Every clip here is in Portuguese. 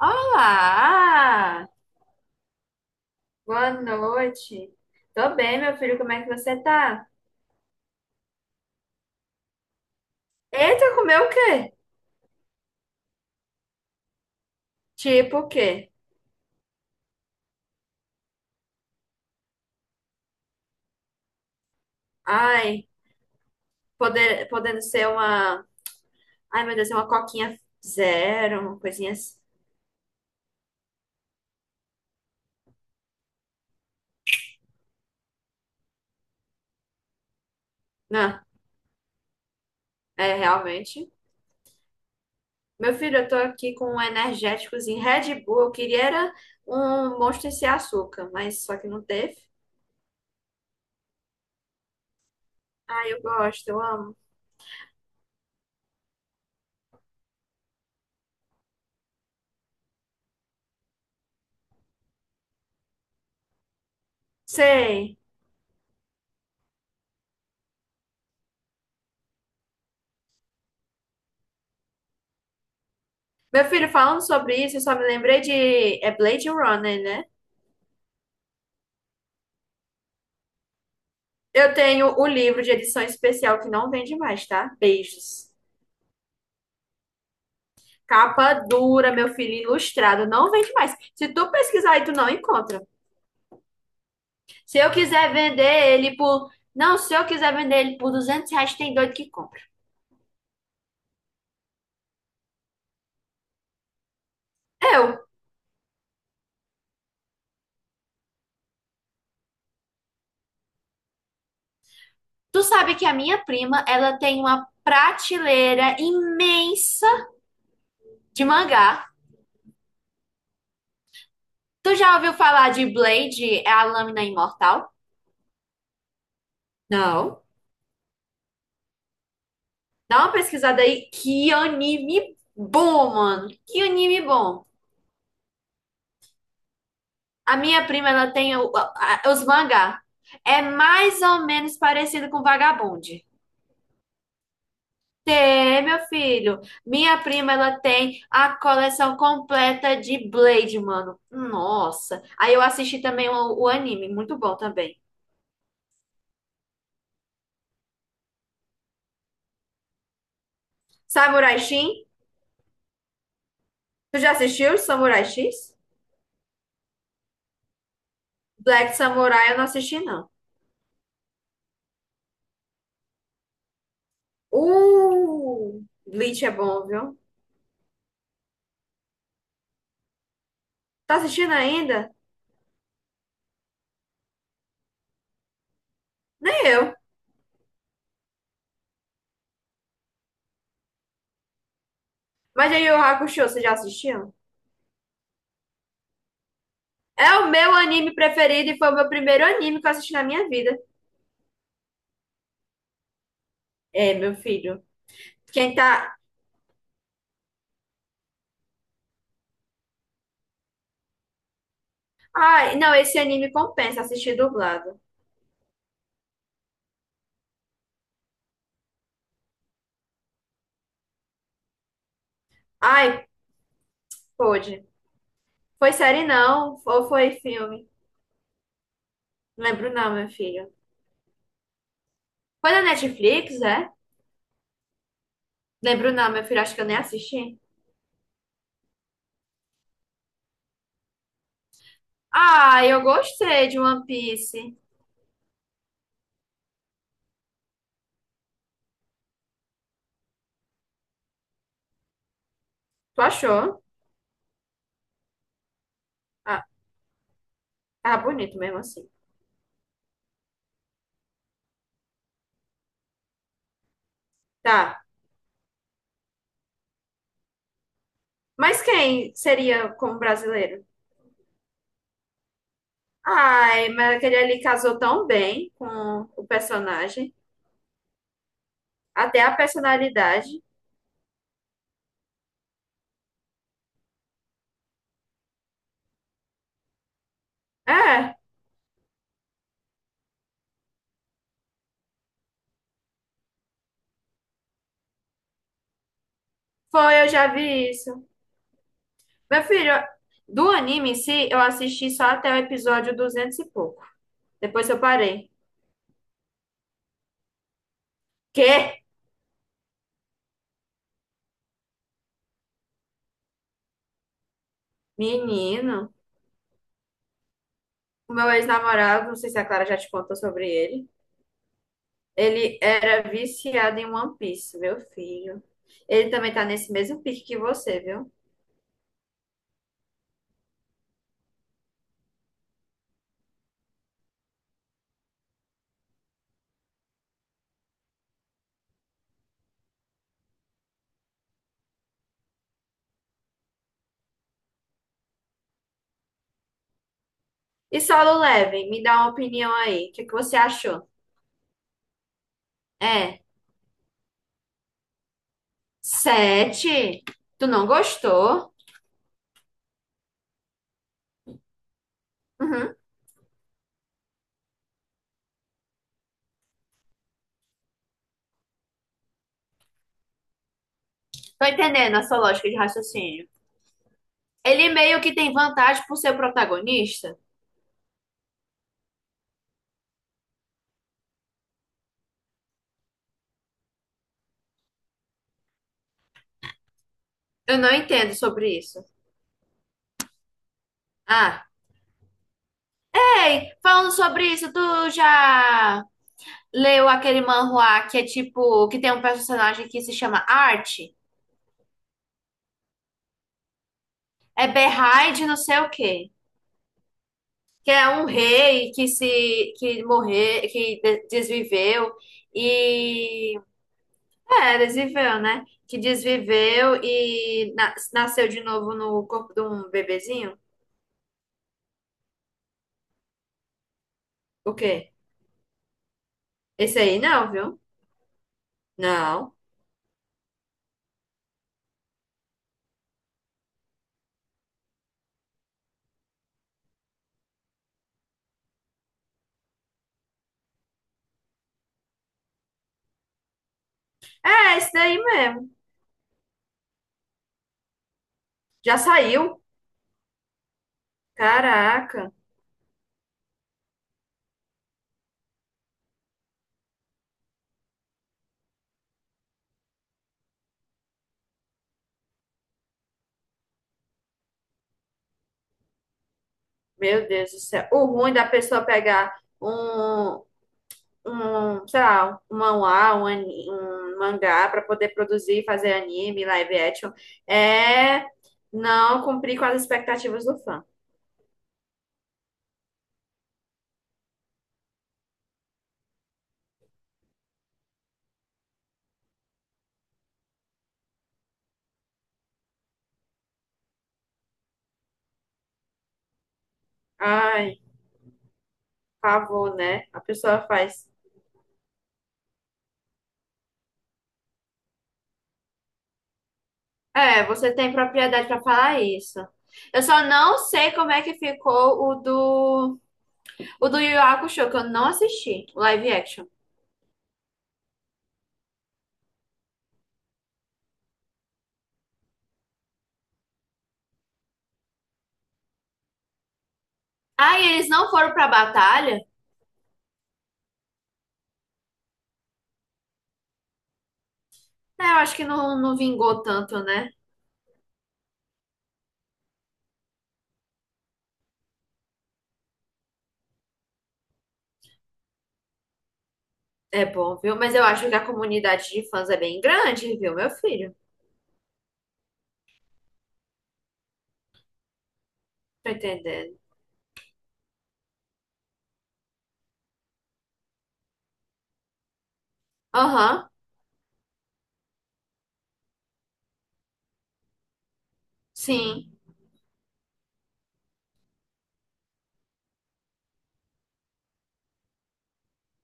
Olá! Boa noite. Tô bem, meu filho, como é que você tá? Eita, comeu o quê? Tipo o quê? Ai, poder, podendo ser uma. Ai, meu Deus, é uma coquinha zero, uma coisinha assim. Não, é realmente. Meu filho, eu tô aqui com um energéticozinho Red Bull. Eu queria era um Monster sem açúcar, mas só que não teve. Ai, eu gosto, eu amo. Sei. Meu filho, falando sobre isso, eu só me lembrei de. É Blade Runner, né? Eu tenho o livro de edição especial que não vende mais, tá? Beijos. Capa dura, meu filho, ilustrado, não vende mais. Se tu pesquisar aí, tu não encontra. Se eu quiser vender ele por. Não, se eu quiser vender ele por R$ 200, tem doido que compra. Eu. Tu sabe que a minha prima, ela tem uma prateleira imensa de mangá. Tu já ouviu falar de Blade, é a lâmina imortal? Não. Dá uma pesquisada aí. Que anime bom, mano. Que anime bom. A minha prima, ela tem o- a- os mangá. É mais ou menos parecido com Vagabond. Tem, meu filho. Minha prima, ela tem a coleção completa de Blade, mano. Nossa. Aí eu assisti também o anime, muito bom também. Samurai X? Tu já assistiu Samurai X? Black Samurai eu não assisti, não. Bleach é bom, viu? Tá assistindo ainda? Nem eu. Mas aí o Hakusho, você já assistiu? É o meu anime preferido e foi o meu primeiro anime que eu assisti na minha vida. É, meu filho. Quem tá. Ai, não, esse anime compensa assistir dublado. Ai, pôde. Foi série não, ou foi filme? Não lembro não, meu filho. Foi na Netflix, é? Lembro não, meu filho, acho que eu nem assisti. Ah, eu gostei de One Piece. Tu achou? Ah, tá bonito mesmo assim. Tá. Mas quem seria como brasileiro? Ai, mas aquele ali casou tão bem com o personagem. Até a personalidade. É, foi, eu já vi isso. Meu filho, do anime em si, eu assisti só até o episódio 200 e pouco. Depois eu parei. Quê? Menino, o meu ex-namorado, não sei se a Clara já te contou sobre ele. Ele era viciado em One Piece, meu filho. Ele também tá nesse mesmo pique que você, viu? E Solo Leveling, me dá uma opinião aí. O que que você achou? É, sete? Tu não gostou? Uhum. Tô entendendo a sua lógica de raciocínio. Ele meio que tem vantagem por ser o protagonista? Eu não entendo sobre isso. Ah, ei, falando sobre isso, tu já leu aquele manhwa que é tipo, que tem um personagem que se chama Art? É Behind de não sei o quê. Que é um rei que se, que morreu, que de- desviveu e... É, desviveu, né? Que desviveu e na- nasceu de novo no corpo de um bebezinho. O quê? Esse aí não, viu? Não. É, esse daí mesmo. Já saiu? Caraca. Meu Deus do céu. O ruim da pessoa pegar um, um, sei lá, um manhwa, um, ani- um mangá para poder produzir e fazer anime, live action, é não cumprir com as expectativas do fã. Ai, pavor, né? A pessoa faz. É, você tem propriedade para falar isso. Eu só não sei como é que ficou o do o do Yu Yu Hakusho, que eu não assisti, o live action. Ah, e eles não foram pra batalha? É, eu acho que não, não vingou tanto, né? É bom, viu? Mas eu acho que a comunidade de fãs é bem grande, viu, meu filho? Tá entendendo? Aham, sim.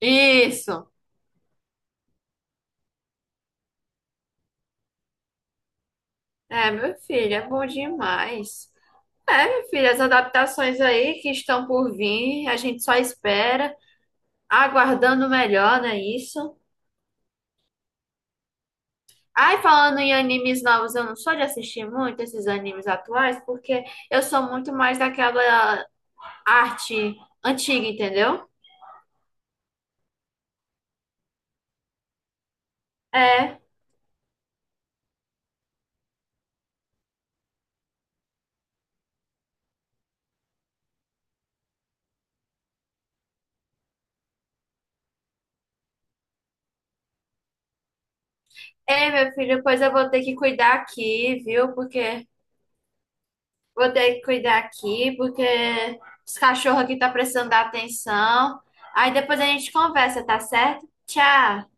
Isso. É, meu filho, é bom demais. É, meu filho, as adaptações aí que estão por vir, a gente só espera, aguardando o melhor, não é isso? Ai, falando em animes novos, eu não sou de assistir muito esses animes atuais, porque eu sou muito mais daquela arte antiga, entendeu? É. É, meu filho, pois eu vou ter que cuidar aqui, viu? Porque vou ter que cuidar aqui, porque os cachorros aqui tá precisando da atenção. Aí depois a gente conversa, tá certo? Tchau.